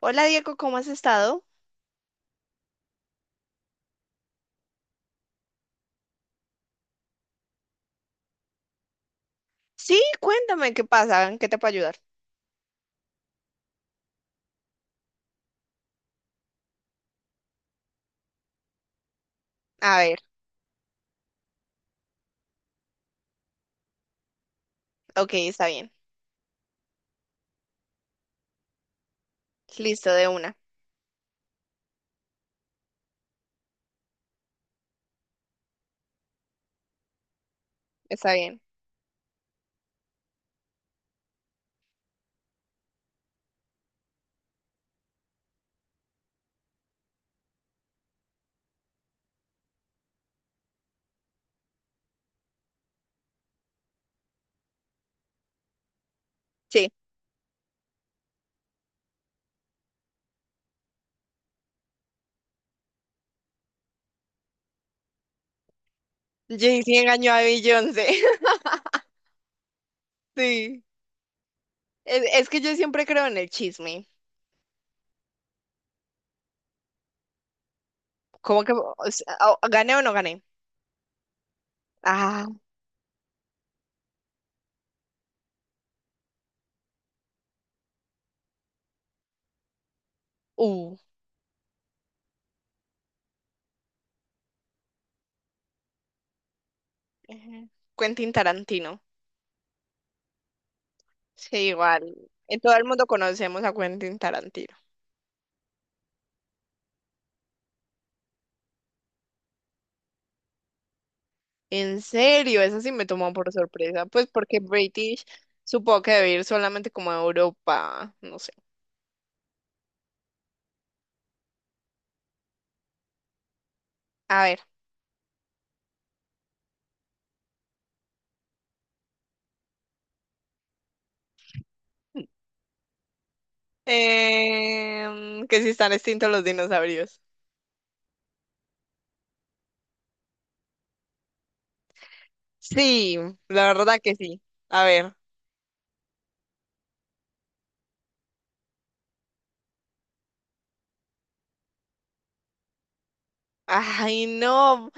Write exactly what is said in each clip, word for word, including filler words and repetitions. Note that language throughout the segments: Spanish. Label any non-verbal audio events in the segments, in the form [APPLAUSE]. Hola Diego, ¿cómo has estado? Sí, cuéntame qué pasa, en qué te puedo ayudar. A ver, ok, está bien. Listo, de una. Está bien. Sí. Jay-Z engañó a Beyoncé. [LAUGHS] Sí. Es, es que yo siempre creo en el chisme. ¿Cómo que o sea, o- gané o no gané? Ah, uh. Ujú. Quentin Tarantino. Sí, igual. En todo el mundo conocemos a Quentin Tarantino. En serio, eso sí me tomó por sorpresa. Pues porque British supo que debe ir solamente como a Europa, no sé. A ver. Em, que si están extintos los dinosaurios. Sí, la verdad que sí. A ver. Ay, no.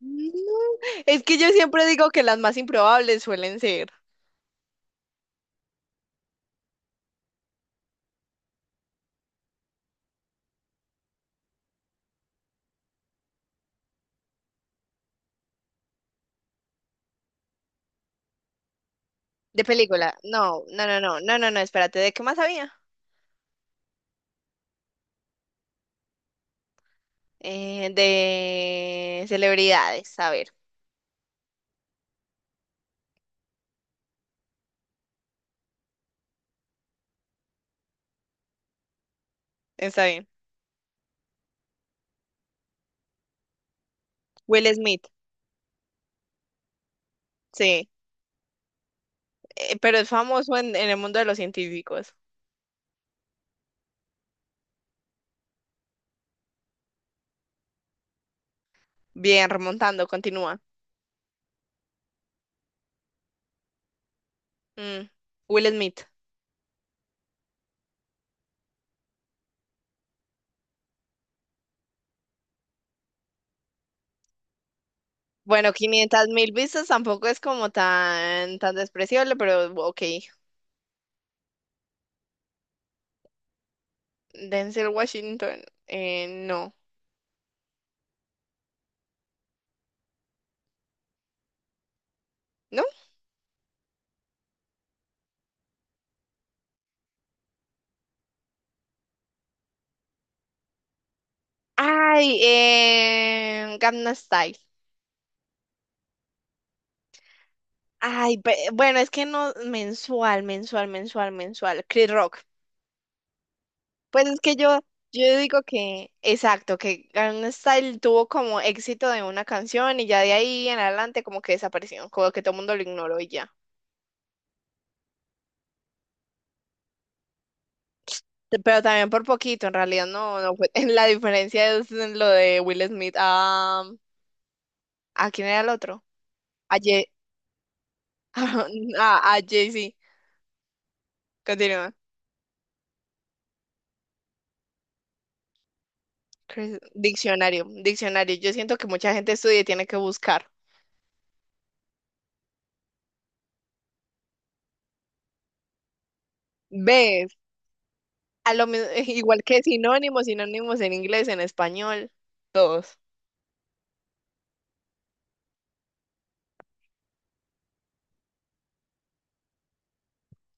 No. Es que yo siempre digo que las más improbables suelen ser. De película. No, no, no, no, no, no, no, espérate. ¿De qué más había? Eh, de celebridades. A ver. Está bien. Will Smith. Sí. Eh, pero es famoso en, en el mundo de los científicos. Bien, remontando, continúa. Mm, Will Smith. Bueno, quinientos mil vistas tampoco es como tan, tan despreciable, pero ok. Denzel Washington, eh, no, ¿no? Ay, eh, Gangnam Style. Ay, pe- bueno, es que no, mensual, mensual, mensual, mensual. Chris Rock. Pues es que yo, yo digo que, exacto, que Gangnam Style tuvo como éxito de una canción y ya de ahí en adelante como que desapareció, como que todo el mundo lo ignoró y ya. Pero también por poquito, en realidad no, no fue. [LAUGHS] La diferencia es en lo de Will Smith a... ¿A quién era el otro? A Jay... [LAUGHS] A, a Jay-Z. Continúa. Chris- Diccionario, diccionario. Yo siento que mucha gente estudia y tiene que buscar. ¿Ves? A lo mi- [LAUGHS] igual que sinónimos, sinónimos en inglés, en español, todos.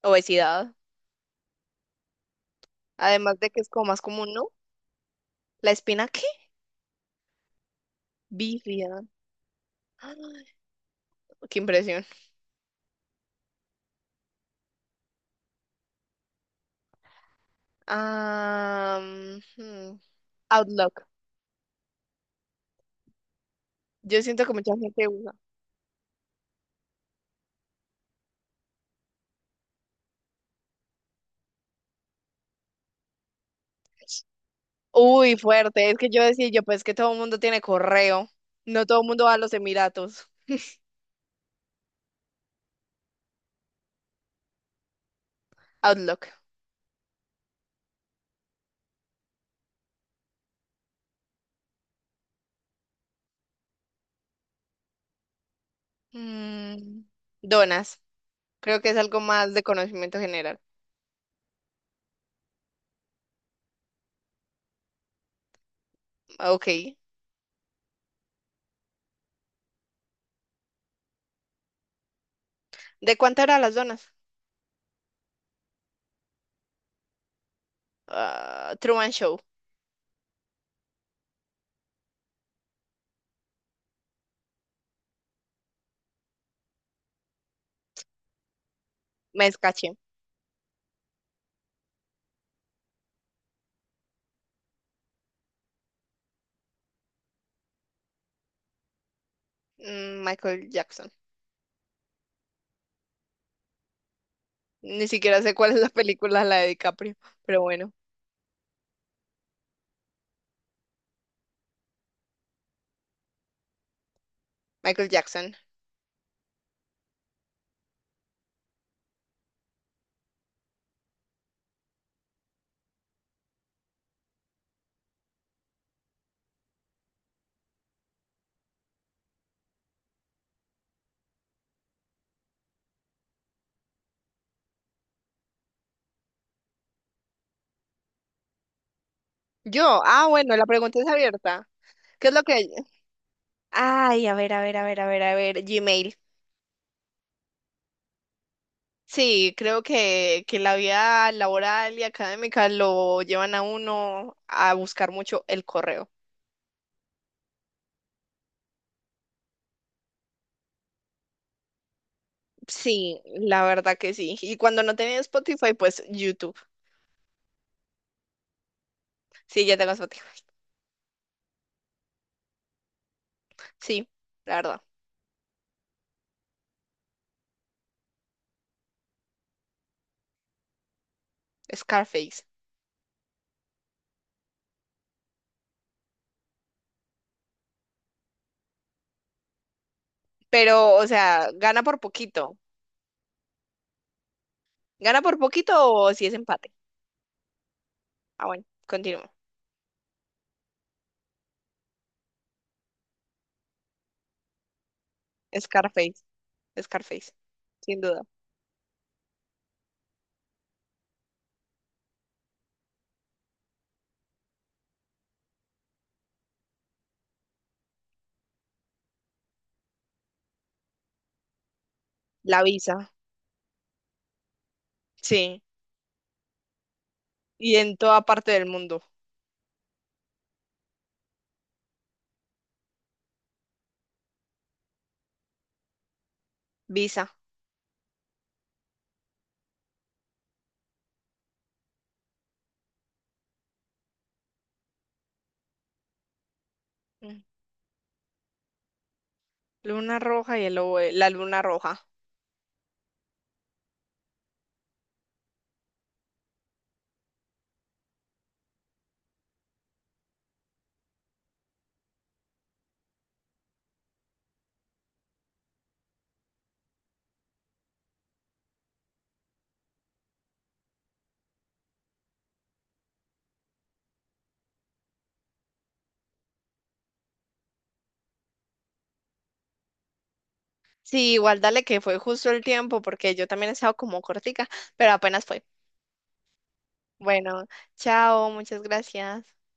Obesidad. Además de que es como más común, ¿no? ¿La espina qué? Bífida. Ay, [GASPS] qué impresión. Ah, mm, hmm, Outlook. Yo siento que mucha gente usa. Uy, fuerte. Es que yo decía, yo pues que todo el mundo tiene correo. No todo el mundo va a los Emiratos. Outlook. Mm, donas. Creo que es algo más de conocimiento general. Ok. ¿De cuánto eran las donas? Ah, Truman Show. Me escaché. Mm, Michael Jackson. Ni siquiera sé cuál es la película, la de DiCaprio. Pero bueno, Michael Jackson. Yo. Ah, bueno, la pregunta es abierta. ¿Qué es lo que... Ay, a ver, a ver, a ver, a ver, a ver. Gmail. Sí, creo que, que la vida laboral y académica lo llevan a uno a buscar mucho el correo. Sí, la verdad que sí. Y cuando no tenía Spotify, pues YouTube. Sí, ya tengo Spotify. Sí, la verdad. Scarface. Pero, o sea, gana por poquito. ¿Gana por poquito o si es empate? Ah, bueno, continúo. Scarface, Scarface, sin duda. La Visa, sí. Y en toda parte del mundo. Visa. Mm. Luna roja y el lobo, de- la luna roja. Sí, igual dale que fue justo el tiempo porque yo también he estado como cortica, pero apenas fue. Bueno, chao, muchas gracias.